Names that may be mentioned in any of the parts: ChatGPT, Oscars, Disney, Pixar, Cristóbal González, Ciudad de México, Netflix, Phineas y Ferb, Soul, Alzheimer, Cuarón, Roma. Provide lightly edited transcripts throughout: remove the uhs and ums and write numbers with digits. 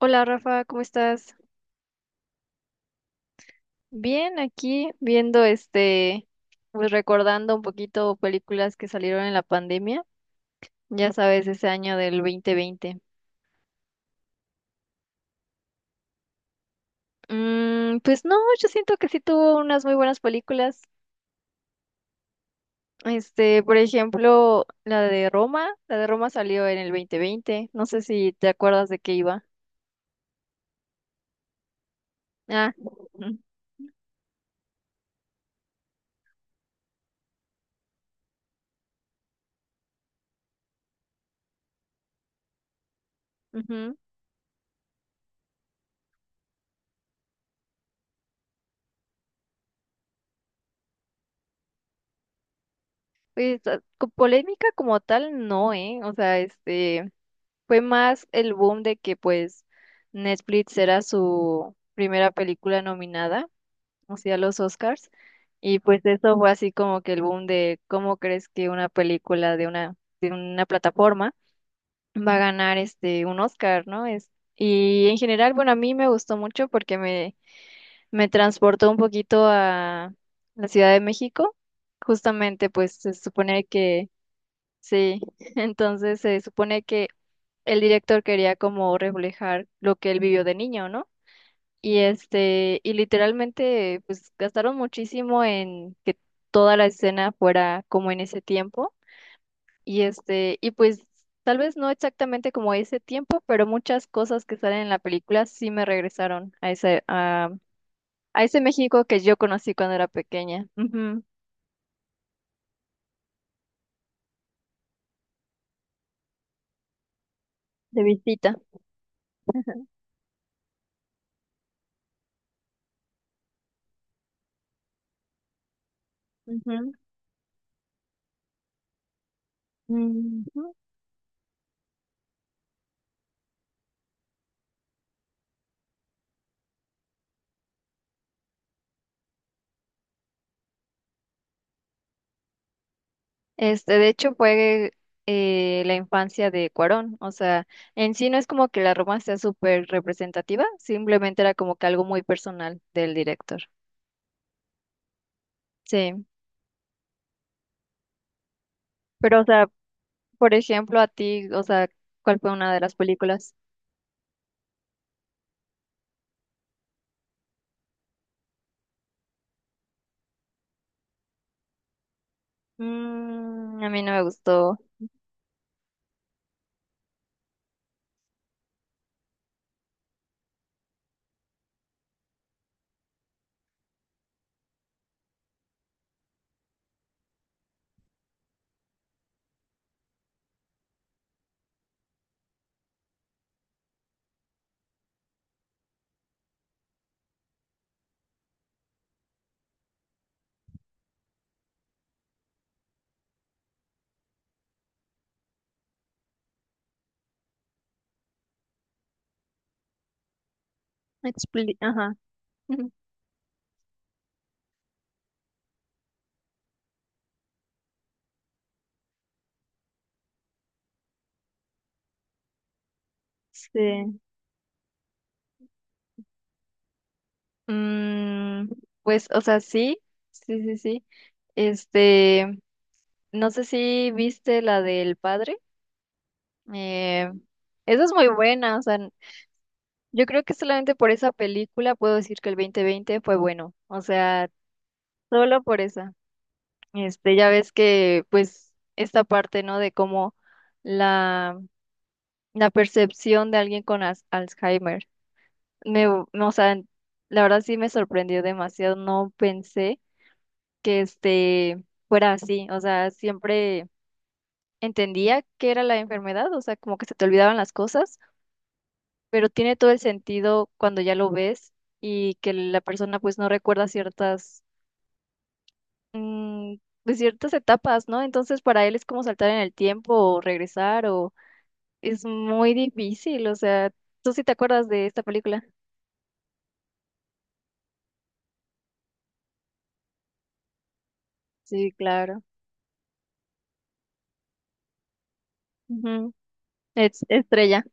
Hola Rafa, ¿cómo estás? Bien, aquí viendo pues recordando un poquito películas que salieron en la pandemia, ya sabes, ese año del 2020. Pues no, yo siento que sí tuvo unas muy buenas películas. Por ejemplo, la de Roma salió en el 2020, no sé si te acuerdas de qué iba. Ah, ujú. Pues, polémica como tal, no, ¿eh? O sea, este... Fue más el boom de que pues Netflix era su primera película nominada, o sea, a los Oscars, y pues eso fue así como que el boom de cómo crees que una película de una plataforma va a ganar un Oscar, ¿no? Es, y en general, bueno, a mí me gustó mucho porque me transportó un poquito a la Ciudad de México. Justamente, pues se supone que sí, entonces se supone que el director quería como reflejar lo que él vivió de niño, ¿no? Y este, y literalmente, pues gastaron muchísimo en que toda la escena fuera como en ese tiempo. Y este, y pues tal vez no exactamente como ese tiempo, pero muchas cosas que salen en la película sí me regresaron a a ese México que yo conocí cuando era pequeña. Ujú, de visita. Ujú. Ujú. Este, de hecho, fue la infancia de Cuarón. O sea, en sí no es como que la Roma sea súper representativa, simplemente era como que algo muy personal del director. Sí. Pero, o sea, por ejemplo, a ti, o sea, ¿cuál fue una de las películas? Mm, a mí no me gustó. Ajá. Sí. Mm, pues, o sea, sí, sí, sí, sí. Este, no sé si viste la del padre. Eh, Esa es muy buena, o sea, yo creo que solamente por esa película puedo decir que el 2020 fue bueno, o sea, solo por esa. Este, ya ves que pues esta parte, ¿no? De cómo la, la percepción de alguien con Alzheimer, no, o sea, la verdad sí me sorprendió demasiado, no pensé que fuera así, o sea, siempre entendía que era la enfermedad, o sea, como que se te olvidaban las cosas, pero tiene todo el sentido cuando ya lo ves y que la persona pues no recuerda ciertas, mm, pues ciertas etapas, ¿no? Entonces para él es como saltar en el tiempo o regresar o es muy difícil, o sea, ¿tú sí te acuerdas de esta película? Sí, claro. Ujú. Estrella.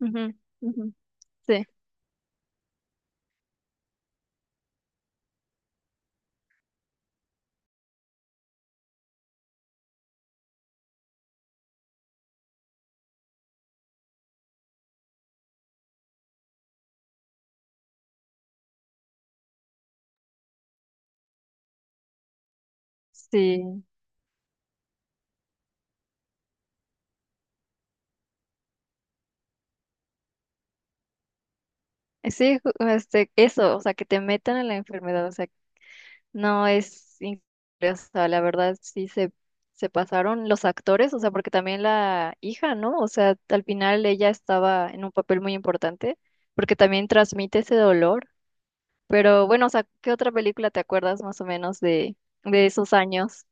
Ujú, ujú. Sí, sí. Sí, este, eso, o sea, que te metan en la enfermedad, o sea, no, es increíble, o sea, la verdad se pasaron los actores, o sea, porque también la hija, ¿no? O sea, al final ella estaba en un papel muy importante, porque también transmite ese dolor. Pero bueno, o sea, ¿qué otra película te acuerdas más o menos de esos años?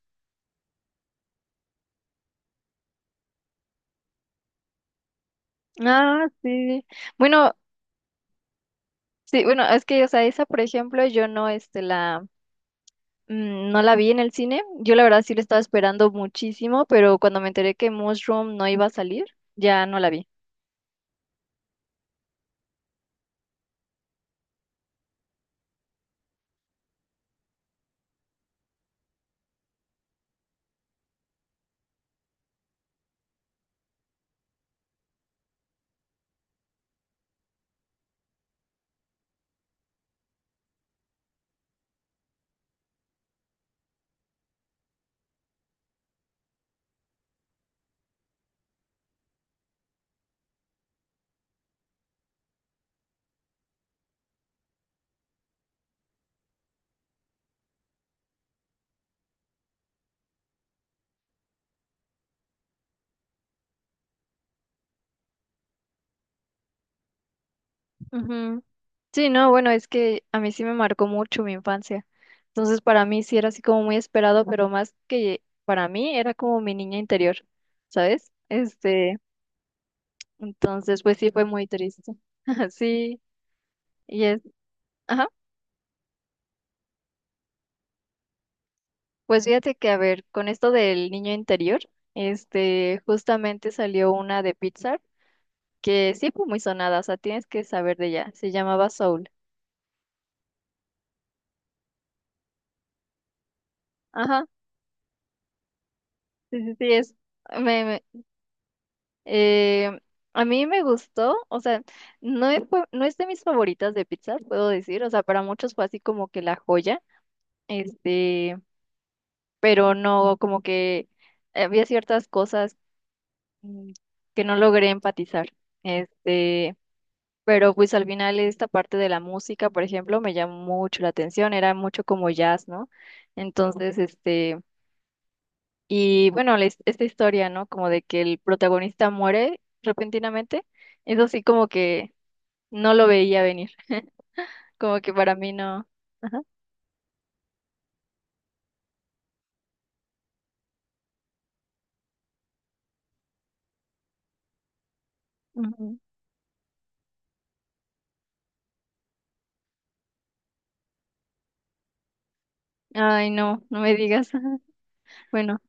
Ah, sí. Bueno, sí, bueno, es que, o sea, esa, por ejemplo, yo no, mm, no la vi en el cine. Yo la verdad sí la estaba esperando muchísimo, pero cuando me enteré que Mushroom no iba a salir, ya no la vi. Ujú. Sí, no, bueno, es que a mí sí me marcó mucho mi infancia. Entonces, para mí sí era así como muy esperado, pero más que para mí era como mi niña interior, ¿sabes? Este, entonces, pues sí fue muy triste. Sí, y es, ajá. Pues fíjate que, a ver, con esto del niño interior, este, justamente salió una de Pixar que sí fue muy sonada, o sea, tienes que saber de ella. Se llamaba Soul. Ajá, sí, es. Me Eh, a mí me gustó, o sea, no es, no es de mis favoritas de pizza, puedo decir, o sea, para muchos fue así como que la joya, este, pero no, como que había ciertas cosas, mm, que no logré empatizar, este, pero pues al final esta parte de la música, por ejemplo, me llamó mucho la atención, era mucho como jazz, ¿no? Entonces, este, y bueno, esta historia, ¿no? Como de que el protagonista muere repentinamente, eso sí como que... No lo veía venir, como que para mí no. Ujú. Ay, no, no me digas. Bueno,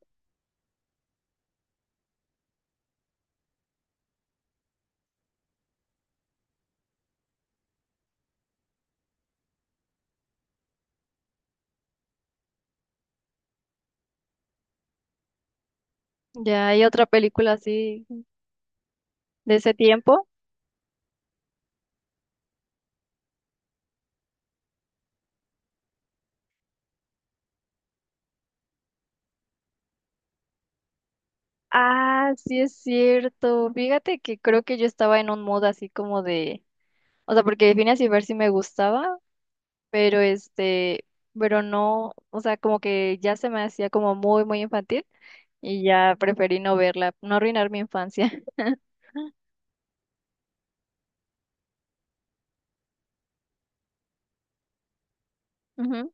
ya hay otra película así de ese tiempo. Ah, sí es cierto. Fíjate que creo que yo estaba en un mood así como de, o sea, porque Phineas y Ferb sí me gustaba, pero este, pero no, o sea, como que ya se me hacía como muy, muy infantil y ya preferí no verla, no arruinar mi infancia. Ujú.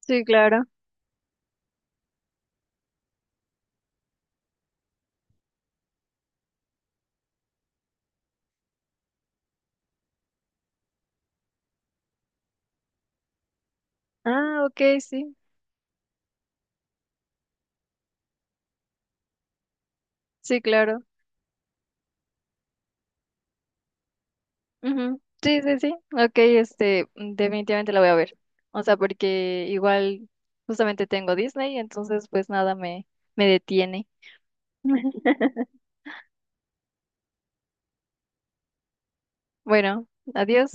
Sí, claro. Ah, ok, sí, sí, claro. Ujú. Sí, sí, sí. Ok, este, mm, definitivamente la voy a ver. O sea, porque igual justamente tengo Disney, entonces pues nada me, me detiene. Bueno, adiós.